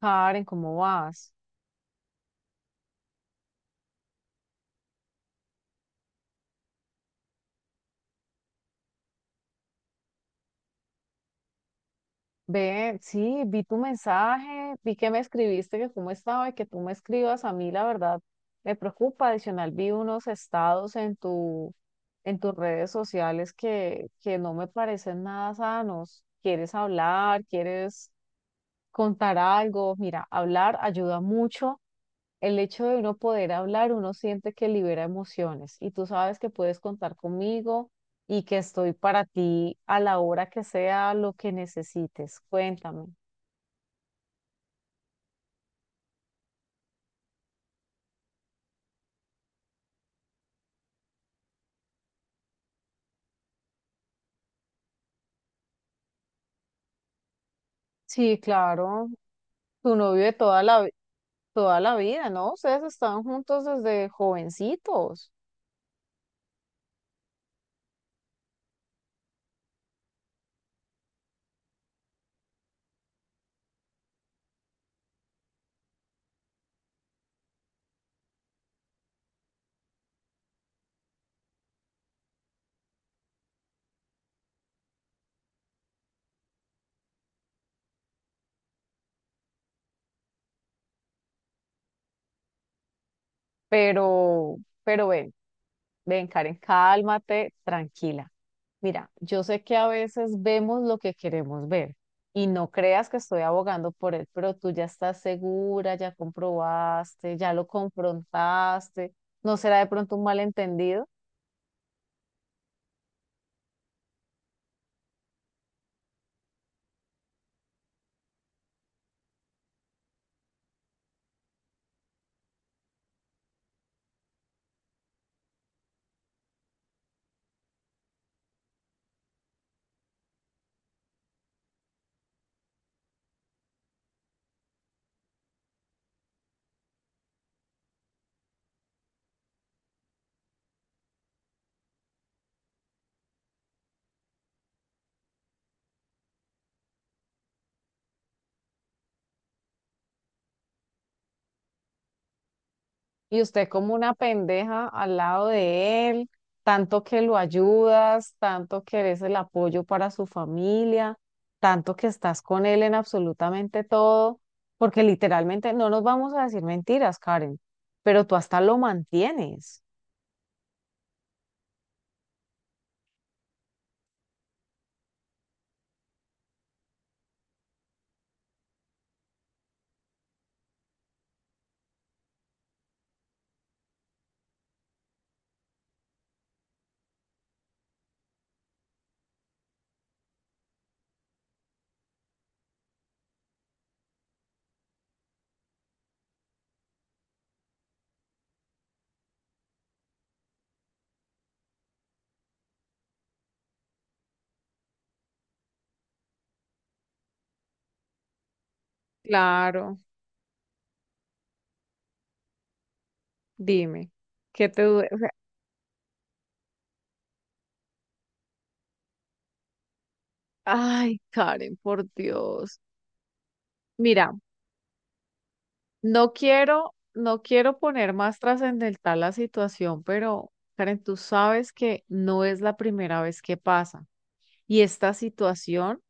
Karen, ¿cómo vas? Ve, sí, vi tu mensaje, vi que me escribiste, que cómo estaba y que tú me escribas. A mí, la verdad, me preocupa. Adicional, vi unos estados en en tus redes sociales que no me parecen nada sanos. ¿Quieres hablar? ¿Quieres contar algo? Mira, hablar ayuda mucho. El hecho de uno poder hablar, uno siente que libera emociones y tú sabes que puedes contar conmigo y que estoy para ti a la hora que sea lo que necesites. Cuéntame. Sí, claro, tu novio de toda la vida, ¿no? Ustedes estaban juntos desde jovencitos, pero, pero ven, ven, Karen, cálmate, tranquila. Mira, yo sé que a veces vemos lo que queremos ver y no creas que estoy abogando por él, pero tú ya estás segura, ya comprobaste, ya lo confrontaste, ¿no será de pronto un malentendido? Y usted como una pendeja al lado de él, tanto que lo ayudas, tanto que eres el apoyo para su familia, tanto que estás con él en absolutamente todo, porque literalmente no nos vamos a decir mentiras, Karen, pero tú hasta lo mantienes. Claro, dime, ¿qué te duele? O sea, ay, Karen, por Dios. Mira, no quiero, no quiero poner más trascendental la situación, pero Karen, tú sabes que no es la primera vez que pasa. Y esta situación,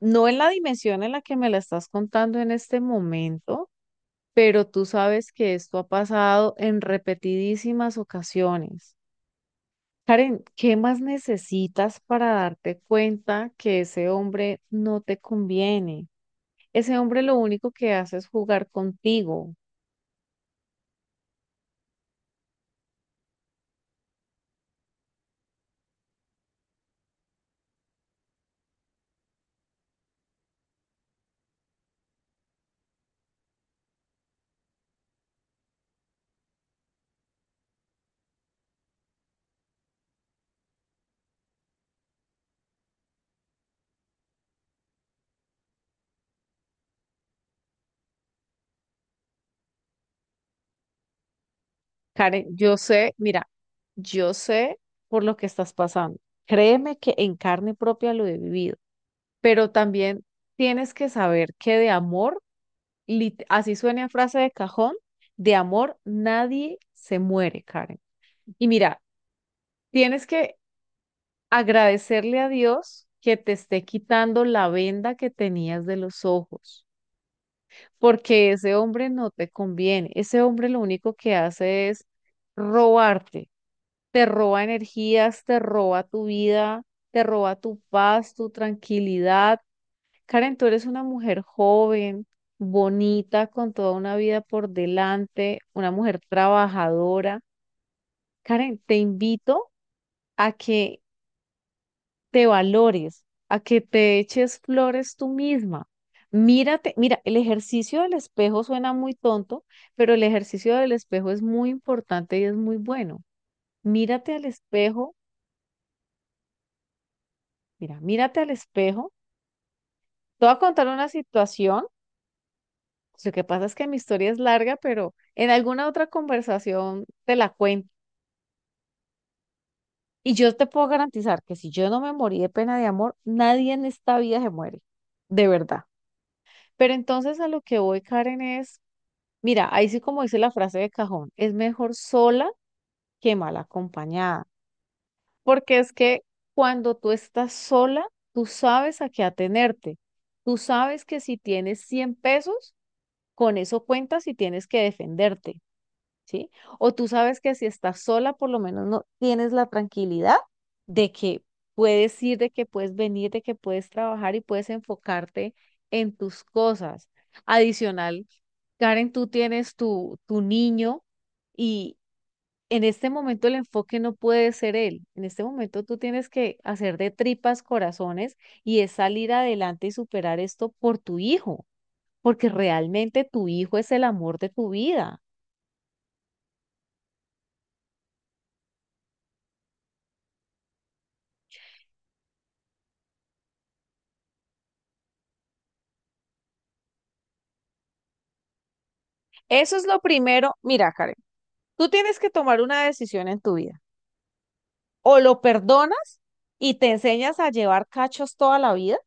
no en la dimensión en la que me la estás contando en este momento, pero tú sabes que esto ha pasado en repetidísimas ocasiones. Karen, ¿qué más necesitas para darte cuenta que ese hombre no te conviene? Ese hombre lo único que hace es jugar contigo. Karen, yo sé, mira, yo sé por lo que estás pasando. Créeme que en carne propia lo he vivido, pero también tienes que saber que de amor, así suena a frase de cajón, de amor nadie se muere, Karen. Y mira, tienes que agradecerle a Dios que te esté quitando la venda que tenías de los ojos, porque ese hombre no te conviene. Ese hombre lo único que hace es robarte, te roba energías, te roba tu vida, te roba tu paz, tu tranquilidad. Karen, tú eres una mujer joven, bonita, con toda una vida por delante, una mujer trabajadora. Karen, te invito a que te valores, a que te eches flores tú misma. Mírate, mira, el ejercicio del espejo suena muy tonto, pero el ejercicio del espejo es muy importante y es muy bueno. Mírate al espejo, mira, mírate al espejo. Te voy a contar una situación. Lo que pasa es que mi historia es larga, pero en alguna otra conversación te la cuento. Y yo te puedo garantizar que si yo no me morí de pena de amor, nadie en esta vida se muere, de verdad. Pero entonces a lo que voy, Karen, es mira, ahí sí como dice la frase de cajón, es mejor sola que mal acompañada, porque es que cuando tú estás sola, tú sabes a qué atenerte. Tú sabes que si tienes 100 pesos, con eso cuentas y tienes que defenderte, ¿sí? O tú sabes que si estás sola, por lo menos no tienes la tranquilidad de que puedes ir, de que puedes venir, de que puedes trabajar y puedes enfocarte en tus cosas. Adicional. Karen, tú tienes tu niño y en este momento el enfoque no puede ser él. En este momento tú tienes que hacer de tripas corazones y es salir adelante y superar esto por tu hijo, porque realmente tu hijo es el amor de tu vida. Eso es lo primero. Mira, Karen, tú tienes que tomar una decisión en tu vida. O lo perdonas y te enseñas a llevar cachos toda la vida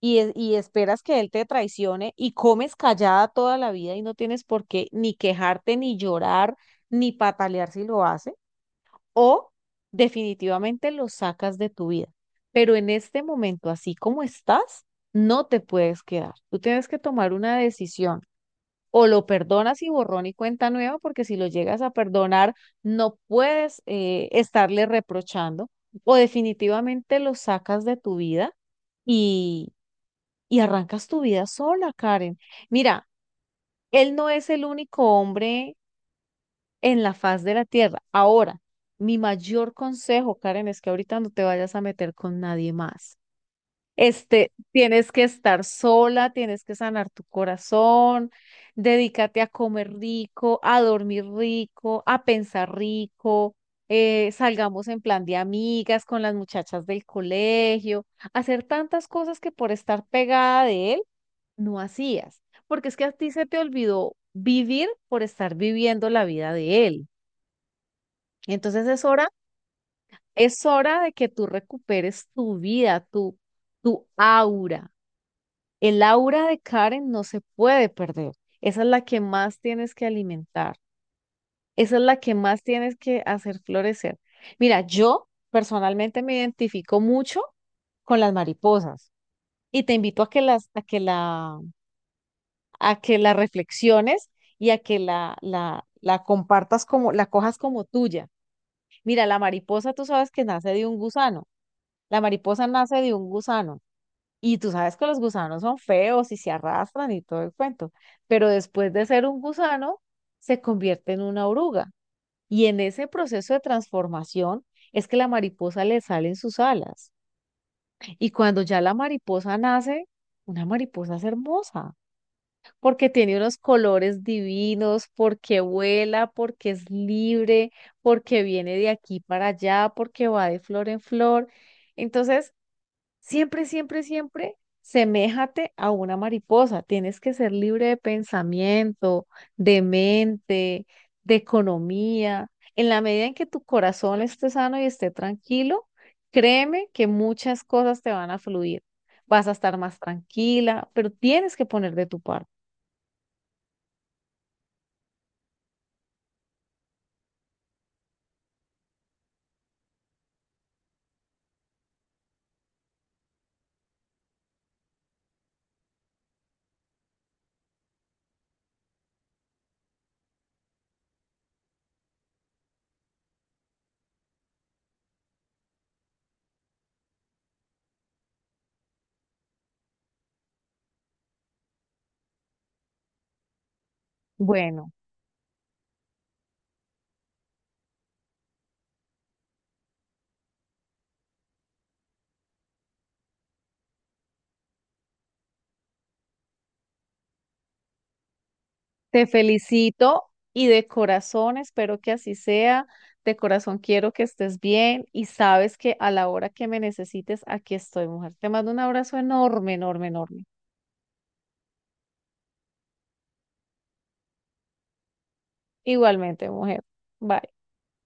y esperas que él te traicione y comes callada toda la vida y no tienes por qué ni quejarte, ni llorar, ni patalear si lo hace, o definitivamente lo sacas de tu vida. Pero en este momento, así como estás, no te puedes quedar. Tú tienes que tomar una decisión. O lo perdonas y borrón y cuenta nueva, porque si lo llegas a perdonar, no puedes estarle reprochando. O definitivamente lo sacas de tu vida y arrancas tu vida sola, Karen. Mira, él no es el único hombre en la faz de la tierra. Ahora, mi mayor consejo, Karen, es que ahorita no te vayas a meter con nadie más. Este, tienes que estar sola, tienes que sanar tu corazón, dedícate a comer rico, a dormir rico, a pensar rico, salgamos en plan de amigas con las muchachas del colegio, hacer tantas cosas que por estar pegada de él no hacías, porque es que a ti se te olvidó vivir por estar viviendo la vida de él. Entonces es hora de que tú recuperes tu vida, tu aura. El aura de Karen no se puede perder. Esa es la que más tienes que alimentar. Esa es la que más tienes que hacer florecer. Mira, yo personalmente me identifico mucho con las mariposas y te invito a a que la reflexiones y a que la compartas la cojas como tuya. Mira, la mariposa tú sabes que nace de un gusano, la mariposa nace de un gusano y tú sabes que los gusanos son feos y se arrastran y todo el cuento, pero después de ser un gusano se convierte en una oruga y en ese proceso de transformación es que la mariposa le salen sus alas y cuando ya la mariposa nace, una mariposa es hermosa, porque tiene unos colores divinos, porque vuela, porque es libre, porque viene de aquí para allá, porque va de flor en flor. Entonces, siempre, siempre, siempre, seméjate a una mariposa. Tienes que ser libre de pensamiento, de mente, de economía. En la medida en que tu corazón esté sano y esté tranquilo, créeme que muchas cosas te van a fluir. Vas a estar más tranquila, pero tienes que poner de tu parte. Bueno, te felicito y de corazón espero que así sea. De corazón quiero que estés bien y sabes que a la hora que me necesites, aquí estoy, mujer. Te mando un abrazo enorme, enorme, enorme. Igualmente, mujer. Bye.